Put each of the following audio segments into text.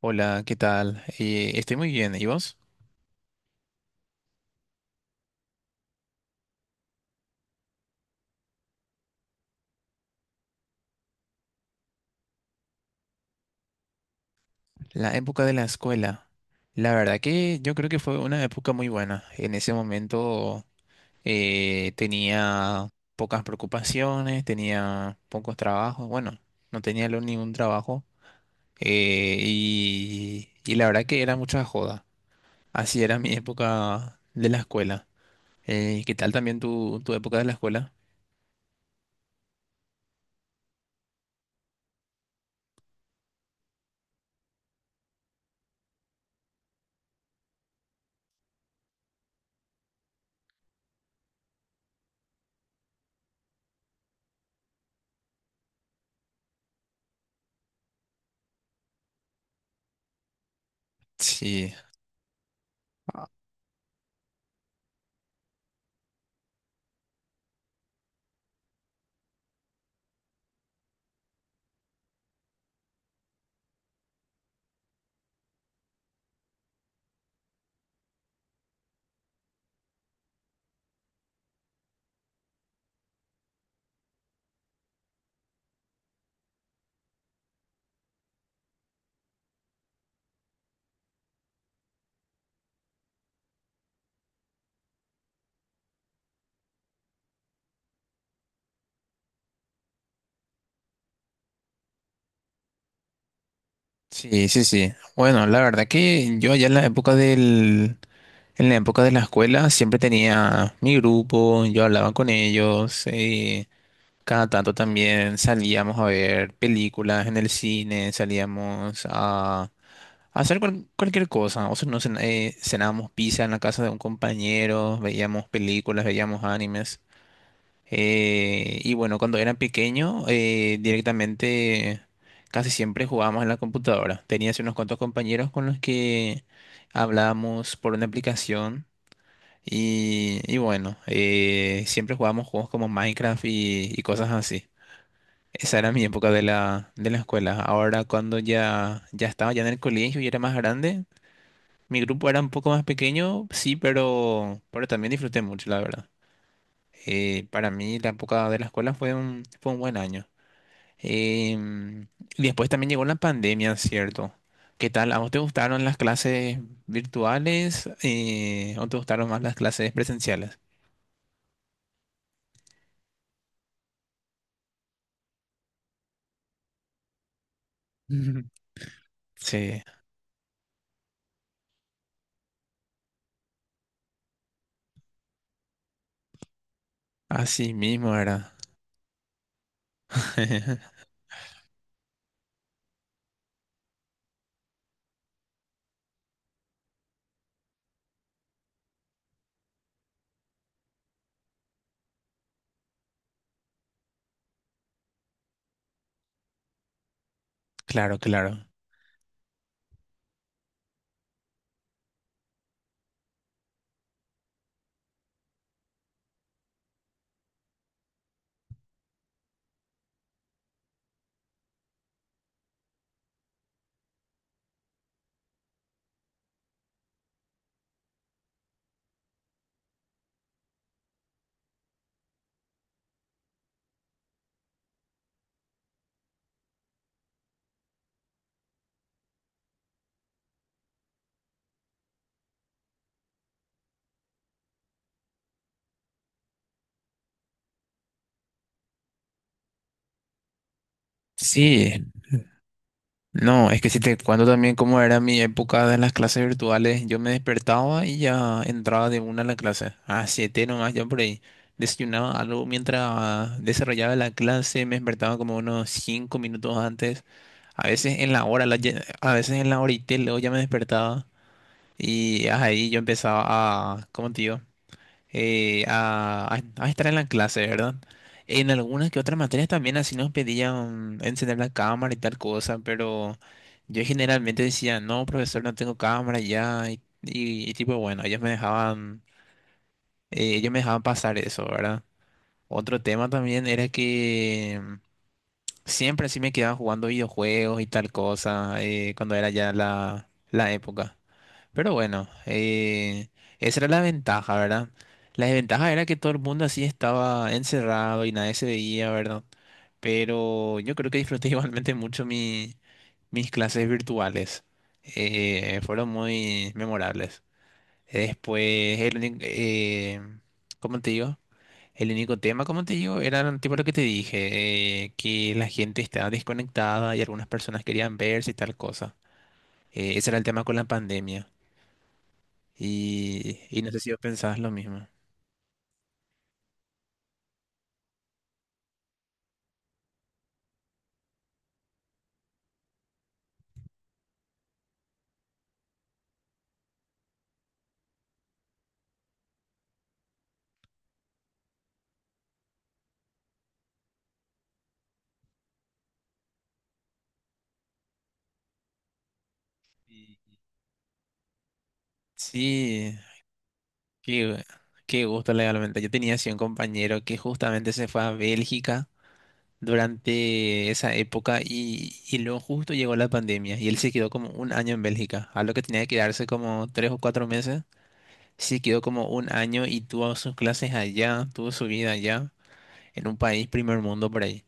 Hola, ¿qué tal? Estoy muy bien. ¿Y vos? La época de la escuela. La verdad que yo creo que fue una época muy buena. En ese momento tenía pocas preocupaciones, tenía pocos trabajos. Bueno, no tenía ningún trabajo. Y la verdad que era mucha joda. Así era mi época de la escuela. ¿Qué tal también tu época de la escuela? Sí, sí, sí, sí. Bueno, la verdad que yo allá en la época del. En la época de la escuela siempre tenía mi grupo, yo hablaba con ellos, cada tanto también salíamos a ver películas en el cine, salíamos a hacer cualquier cosa, o sea, no cenábamos pizza en la casa de un compañero, veíamos películas, veíamos animes. Y bueno, cuando era pequeño, directamente casi siempre jugábamos en la computadora. Tenía así unos cuantos compañeros con los que hablábamos por una aplicación. Y bueno, siempre jugábamos juegos como Minecraft y cosas así. Esa era mi época de la escuela. Ahora cuando ya estaba ya en el colegio y era más grande, mi grupo era un poco más pequeño, sí, pero también disfruté mucho, la verdad. Para mí la época de la escuela fue un buen año. Em, y después también llegó la pandemia, ¿cierto? ¿Qué tal? ¿A vos te gustaron las clases virtuales o te gustaron más las clases presenciales? Sí, así mismo era. Claro, claro. Sí, no, es que si te cuento también cómo era mi época de las clases virtuales, yo me despertaba y ya entraba de una a la clase. A siete nomás, yo por ahí desayunaba algo mientras desarrollaba la clase, me despertaba como unos 5 minutos antes, a veces en la hora, a veces en la horita y luego ya me despertaba y ahí yo empezaba a, ¿cómo te digo? eh, a, a estar en la clase, ¿verdad? En algunas que otras materias también así nos pedían encender la cámara y tal cosa, pero yo generalmente decía, no, profesor, no tengo cámara ya, y tipo, bueno, ellos me dejaban pasar eso, ¿verdad? Otro tema también era que siempre así me quedaba jugando videojuegos y tal cosa, cuando era ya la época. Pero bueno, esa era la ventaja, ¿verdad? La desventaja era que todo el mundo así estaba encerrado y nadie se veía, ¿verdad? Pero yo creo que disfruté igualmente mucho mis clases virtuales. Fueron muy memorables. Después, ¿cómo te digo? El único tema, como te digo, era tipo lo que te dije, que la gente estaba desconectada y algunas personas querían verse y tal cosa. Ese era el tema con la pandemia. Y no sé si vos pensabas lo mismo. Sí, qué, qué gusto legalmente. Yo tenía así un compañero que justamente se fue a Bélgica durante esa época y luego justo llegó la pandemia y él se quedó como un año en Bélgica, a lo que tenía que quedarse como 3 o 4 meses. Se quedó como un año y tuvo sus clases allá, tuvo su vida allá, en un país primer mundo por ahí.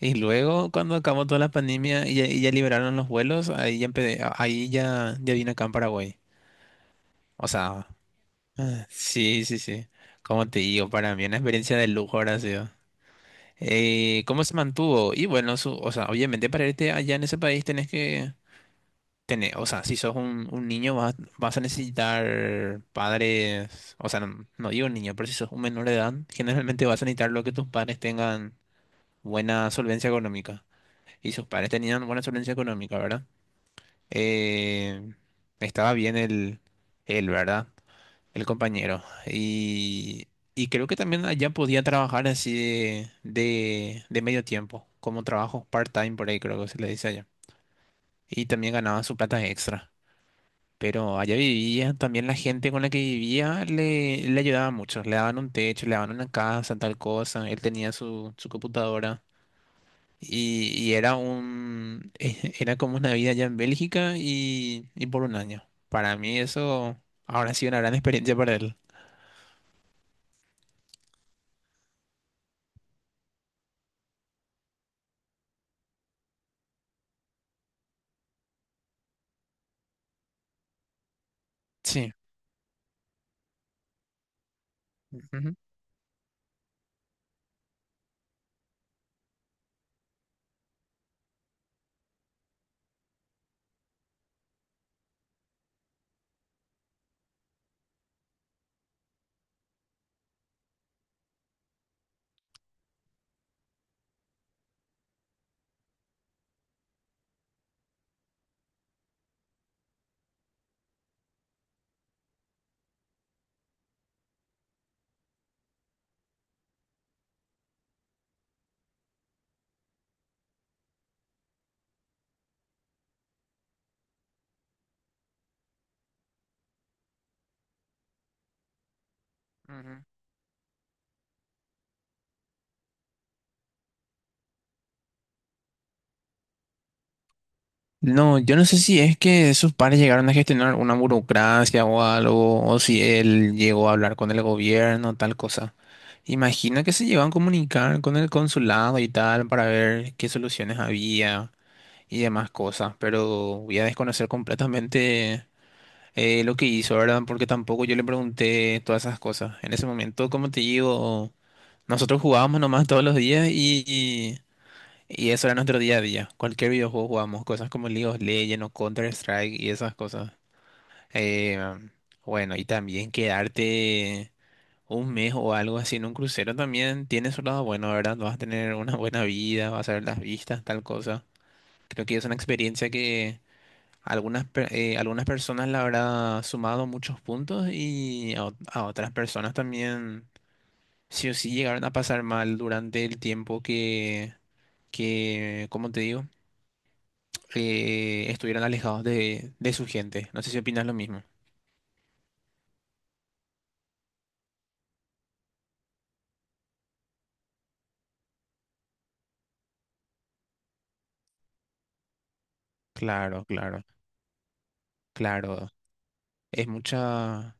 Y luego cuando acabó toda la pandemia y ya liberaron los vuelos, ahí ya vine acá en Paraguay. O sea, sí, sí, sí. Como te digo, para mí una experiencia de lujo ahora ha sido. ¿Cómo se mantuvo? Y bueno, o sea, obviamente para irte allá en ese país tenés que tener, o sea, si sos un niño vas, a necesitar padres, o sea, no, no digo niño, pero si sos un menor de edad, generalmente vas a necesitar lo que tus padres tengan buena solvencia económica. Y sus padres tenían buena solvencia económica, ¿verdad? Eh, estaba bien el, él, ¿verdad? El compañero. Y creo que también allá podía trabajar así de medio tiempo, como trabajo part-time por ahí, creo que se le dice allá. Y también ganaba su plata extra. Pero allá vivía, también la gente con la que vivía le ayudaba mucho. Le daban un techo, le daban una casa, tal cosa. Él tenía su computadora. Y era como una vida allá en Bélgica y por un año. Para mí eso ahora ha sido una gran experiencia para él. Sí. Ujú. Ujú. No, yo no sé si es que sus padres llegaron a gestionar una burocracia o algo, o si él llegó a hablar con el gobierno, tal cosa. Imagino que se llevan a comunicar con el consulado y tal para ver qué soluciones había y demás cosas, pero voy a desconocer completamente lo que hizo, ¿verdad? Porque tampoco yo le pregunté todas esas cosas. En ese momento, como te digo, nosotros jugábamos nomás todos los días. Y eso era nuestro día a día. Cualquier videojuego jugamos, cosas como League of Legends o Counter-Strike y esas cosas. Eh, bueno, y también quedarte un mes o algo así en un crucero también tiene su lado bueno, ¿verdad? Vas a tener una buena vida, vas a ver las vistas, tal cosa. Creo que es una experiencia que algunas personas la habrá sumado muchos puntos y a otras personas también sí o sí llegaron a pasar mal durante el tiempo que, ¿como te digo? Estuvieran alejados de su gente. No sé si opinas lo mismo. Claro, claro, claro. Es mucha.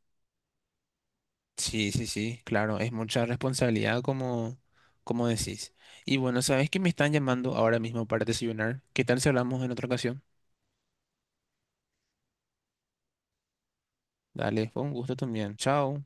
Sí, sí, sí, claro. Es mucha responsabilidad como decís. Y bueno, sabes que me están llamando ahora mismo para desayunar. ¿Qué tal si hablamos en otra ocasión? Dale, fue un gusto también. Chao.